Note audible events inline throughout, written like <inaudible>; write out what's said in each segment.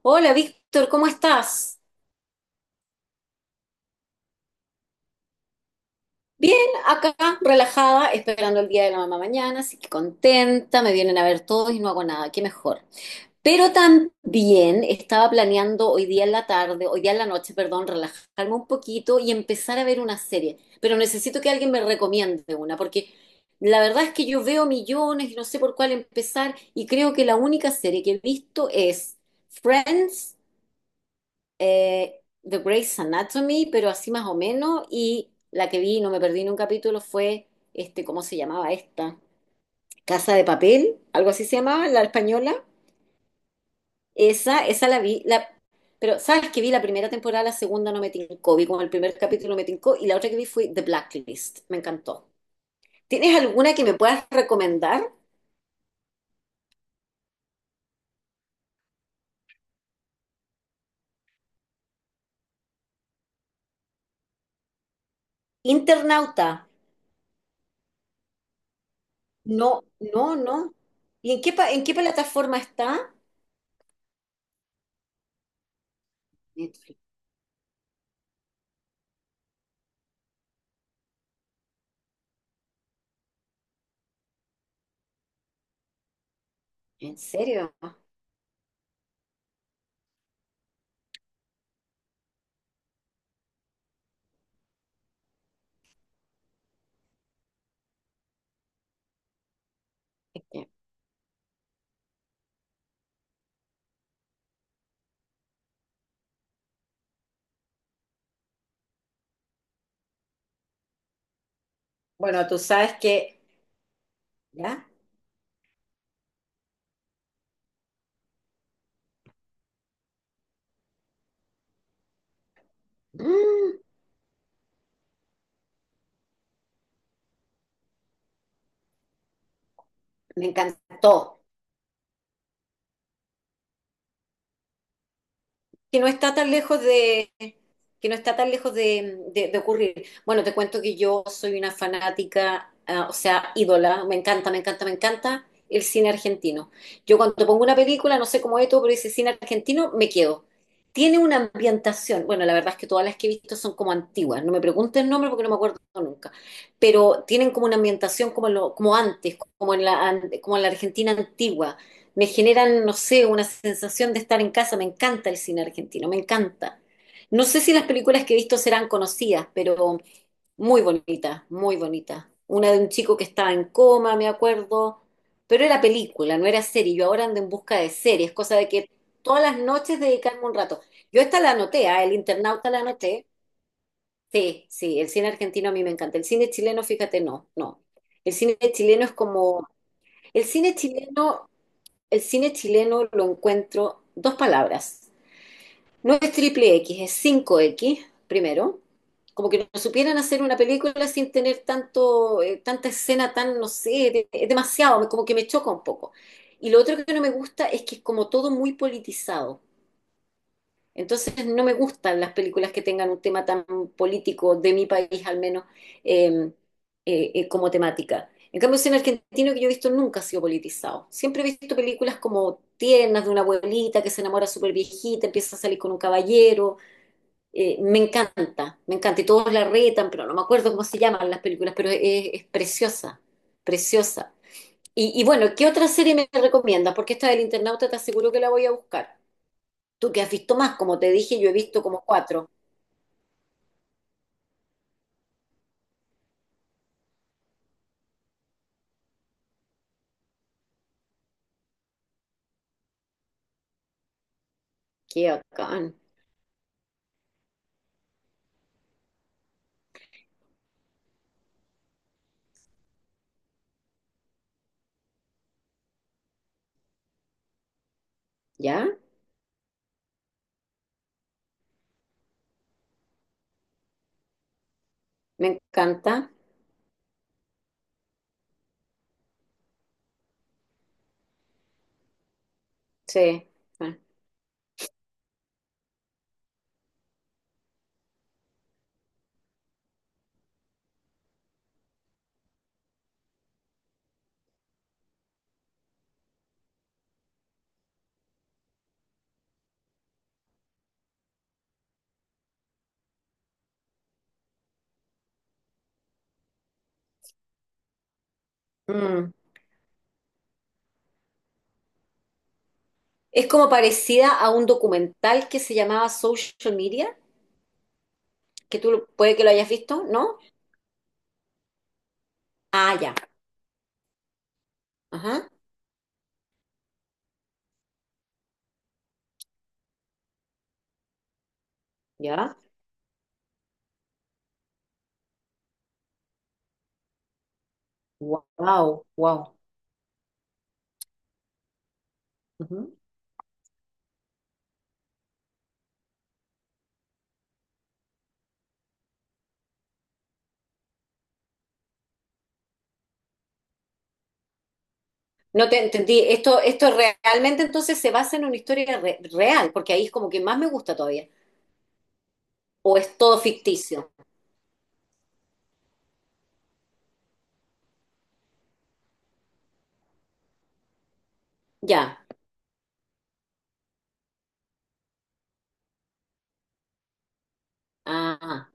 Hola Víctor, ¿cómo estás? Bien, acá relajada, esperando el día de la mamá mañana, así que contenta, me vienen a ver todos y no hago nada, qué mejor. Pero también estaba planeando hoy día en la tarde, hoy día en la noche, perdón, relajarme un poquito y empezar a ver una serie, pero necesito que alguien me recomiende una, porque la verdad es que yo veo millones y no sé por cuál empezar y creo que la única serie que he visto es Friends, The Grey's Anatomy, pero así más o menos, y la que vi, no me perdí ni un capítulo, fue, ¿cómo se llamaba esta? Casa de Papel, algo así se llamaba, la española. Esa la vi, pero sabes que vi la primera temporada, la segunda no me tincó, vi como el primer capítulo me tincó, y la otra que vi fue The Blacklist, me encantó. ¿Tienes alguna que me puedas recomendar? Internauta, no, no, no. ¿Y en qué, en qué plataforma está? Netflix. ¿En serio? Bueno, tú sabes que, ¿ya? Mm, Me encantó. que no está tan lejos de que no está tan lejos de, de ocurrir. Bueno, te cuento que yo soy una fanática, ah, o sea, ídola, me encanta, me encanta, me encanta el cine argentino. Yo cuando pongo una película, no sé cómo es todo, pero dice cine argentino, me quedo. Tiene una ambientación, bueno, la verdad es que todas las que he visto son como antiguas, no me pregunten el nombre porque no me acuerdo nunca, pero tienen como una ambientación como, como antes, como en la Argentina antigua, me generan, no sé, una sensación de estar en casa. Me encanta el cine argentino, me encanta. No sé si las películas que he visto serán conocidas, pero muy bonita, muy bonita. Una de un chico que estaba en coma, me acuerdo, pero era película, no era serie. Yo ahora ando en busca de series, cosa de que todas las noches dedicarme un rato. Yo esta la anoté, ah, El internauta la anoté. Sí, sí, el cine argentino a mí me encanta. El cine chileno, fíjate, no, no. El cine chileno es como. El cine chileno el cine chileno lo encuentro dos palabras. No es triple X, es cinco x primero. Como que no supieran hacer una película sin tener tanto, tanta escena tan, no sé, es demasiado, como que me choca un poco. Y lo otro que no me gusta es que es como todo muy politizado. Entonces no me gustan las películas que tengan un tema tan político, de mi país al menos, eh, como temática. En cambio, el cine argentino que yo he visto nunca ha sido politizado. Siempre he visto películas como tiernas de una abuelita que se enamora súper viejita, empieza a salir con un caballero. Me encanta, me encanta. Y todos la retan, pero no me acuerdo cómo se llaman las películas, pero es preciosa, preciosa. Y bueno, ¿qué otra serie me recomiendas? Porque esta del internauta te aseguro que la voy a buscar. Tú que has visto más, como te dije, yo he visto como cuatro. Qué bacán. ¿Ya? Me encanta. Sí. Bueno. Mm. Es como parecida a un documental que se llamaba Social Media, que tú puede que lo hayas visto, ¿no? Ah, ya. Ajá. Ya. Wow, wow. Ujú. No te entendí. Esto realmente entonces se basa en una historia real, porque ahí es como que más me gusta todavía. O es todo ficticio. Ya. Ah. ah.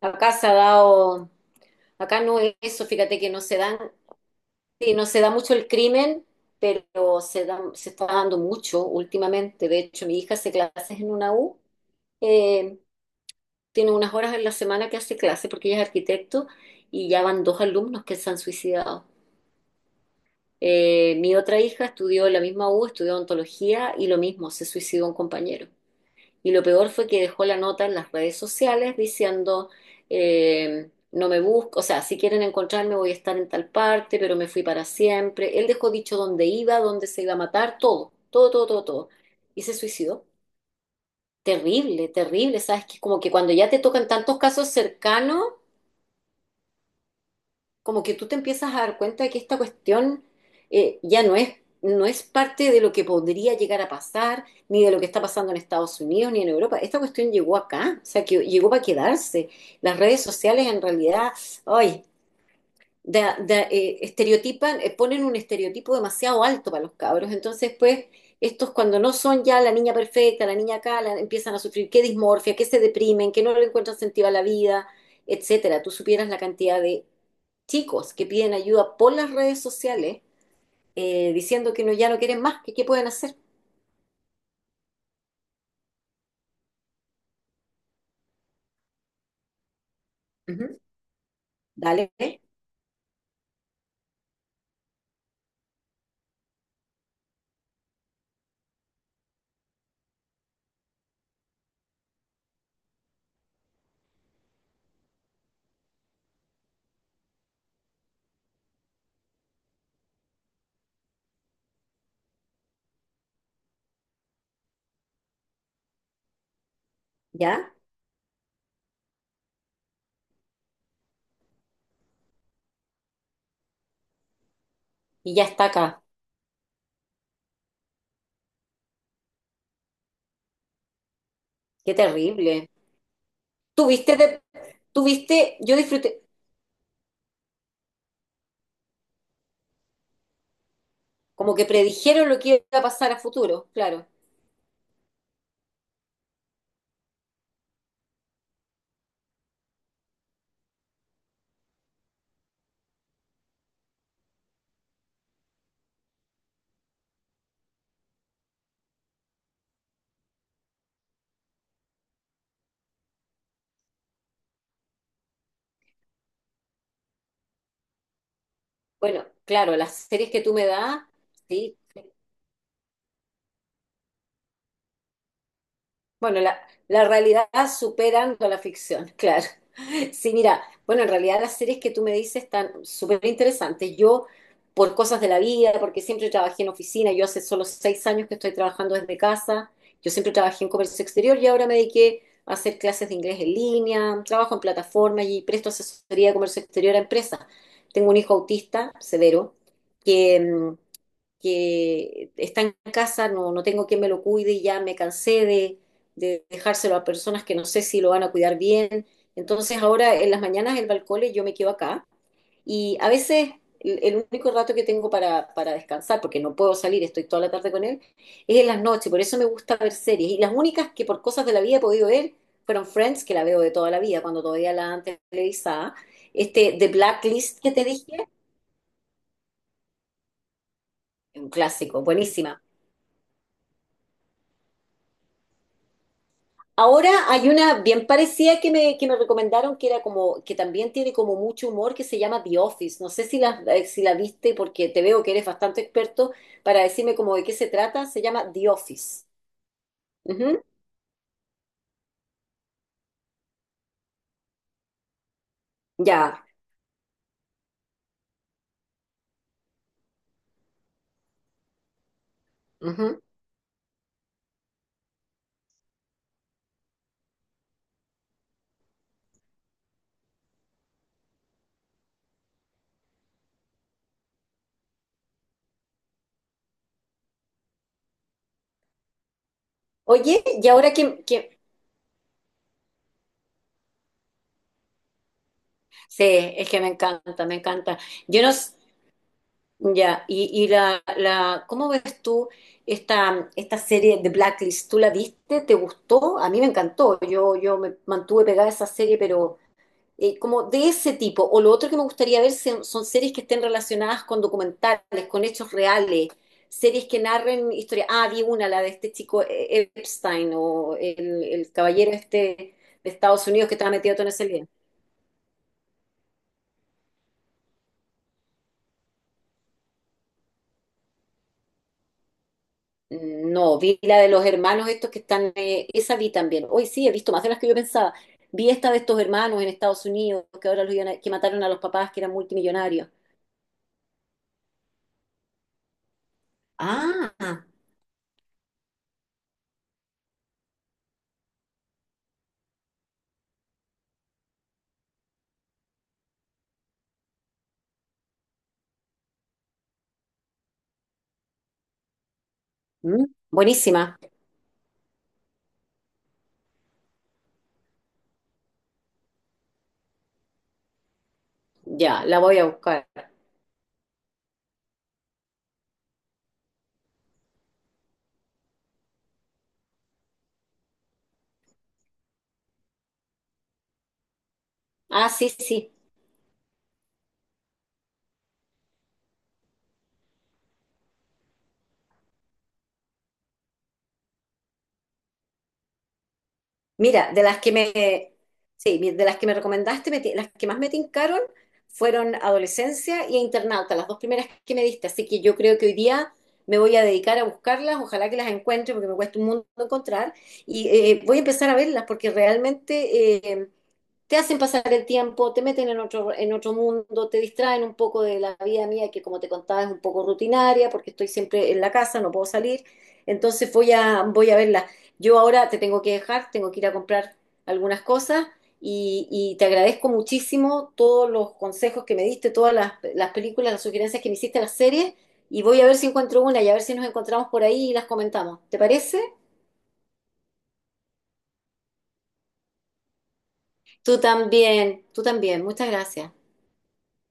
Acá se ha dado. Acá no es eso, fíjate que no se dan, sí, no se da mucho el crimen, pero se está dando mucho últimamente. De hecho, mi hija hace clases en una U, eh, tiene unas horas en la semana que hace clases porque ella es arquitecto y ya van dos alumnos que se han suicidado. Mi otra hija estudió en la misma U, estudió ontología y lo mismo, se suicidó un compañero. Y lo peor fue que dejó la nota en las redes sociales diciendo, no me busco, o sea, si quieren encontrarme voy a estar en tal parte, pero me fui para siempre. Él dejó dicho dónde iba, dónde se iba a matar, todo, todo, todo, todo, todo. Y se suicidó. Terrible, terrible, ¿sabes? Que como que cuando ya te tocan tantos casos cercanos, como que tú te empiezas a dar cuenta de que esta cuestión ya no es parte de lo que podría llegar a pasar, ni de lo que está pasando en Estados Unidos, ni en Europa. Esta cuestión llegó acá, o sea, que llegó para quedarse. Las redes sociales en realidad, ay, estereotipan, ponen un estereotipo demasiado alto para los cabros. Entonces, pues, estos cuando no son ya la niña perfecta, la niña acá, empiezan a sufrir que dismorfia, que se deprimen, que no le encuentran sentido a la vida, etcétera. Tú supieras la cantidad de chicos que piden ayuda por las redes sociales, diciendo que no, ya no quieren más, que qué pueden hacer. Ujú, dale, ya, y ya está acá. Qué terrible. Tuviste, de, tuviste, yo disfruté, como que predijeron lo que iba a pasar a futuro, claro. Bueno, claro, las series que tú me das, sí, bueno, la realidad superando la ficción, <laughs> claro. Sí, mira, bueno, en realidad las series que tú me dices están súper interesantes. Yo, por cosas de la vida, porque siempre trabajé en oficina, yo hace solo 6 años que estoy trabajando desde casa, yo siempre trabajé en comercio exterior y ahora me dediqué a hacer clases de inglés en línea, trabajo en plataforma y presto asesoría de comercio exterior a empresas. Tengo un hijo autista severo que, que está en casa, no, no tengo quien me lo cuide y ya me cansé de, dejárselo a personas que no sé si lo van a cuidar bien. Entonces ahora en las mañanas el balcón yo me quedo acá y a veces el único rato que tengo para, descansar, porque no puedo salir, estoy toda la tarde con él, es en las noches, por eso me gusta ver series. Y las únicas que por cosas de la vida he podido ver fueron Friends, que la veo de toda la vida, cuando todavía la antes televisada. The Blacklist que te dije, un clásico, buenísima. Ahora hay una bien parecida que me, recomendaron que era como, que también tiene como mucho humor, que se llama The Office. No sé si la viste porque te veo que eres bastante experto para decirme como de qué se trata. Se llama The Office. Ujú, ya. ujú. Oye, y ahora que- Sí, es que me encanta, me encanta. Yo no. Ya, y la, ¿Cómo ves tú esta serie de Blacklist? ¿Tú la viste? ¿Te gustó? A mí me encantó. Yo me mantuve pegada a esa serie. Como de ese tipo. O lo otro que me gustaría ver son series que estén relacionadas con documentales, con hechos reales, series que narren historias. Ah, vi una, la de este chico, Epstein o el caballero este de Estados Unidos que estaba metido todo en ese lío. No, vi la de los hermanos estos que están, esa vi también. Hoy sí, he visto más de las que yo pensaba. Vi esta de estos hermanos en Estados Unidos que ahora los que mataron a los papás que eran multimillonarios. Ah, mm, buenísima. Ya, la voy a buscar. Ah, sí, sí. sí. Mira, de las que me, sí, de las que me recomendaste, las que más me tincaron fueron Adolescencia y Internauta, las dos primeras que me diste. Así que yo creo que hoy día me voy a dedicar a buscarlas, ojalá que las encuentre porque me cuesta un mundo encontrar. Y voy a empezar a verlas porque realmente, te hacen pasar el tiempo, te meten en otro mundo, te distraen un poco de la vida mía, que como te contaba es un poco rutinaria, porque estoy siempre en la casa, no puedo salir. Entonces voy a verla. Yo ahora te tengo que dejar, tengo que ir a comprar algunas cosas y te agradezco muchísimo todos los consejos que me diste, todas las películas, las sugerencias que me hiciste, las series, y voy a ver si encuentro una y a ver si nos encontramos por ahí y las comentamos. ¿Te parece? Tú también, tú también. Muchas gracias.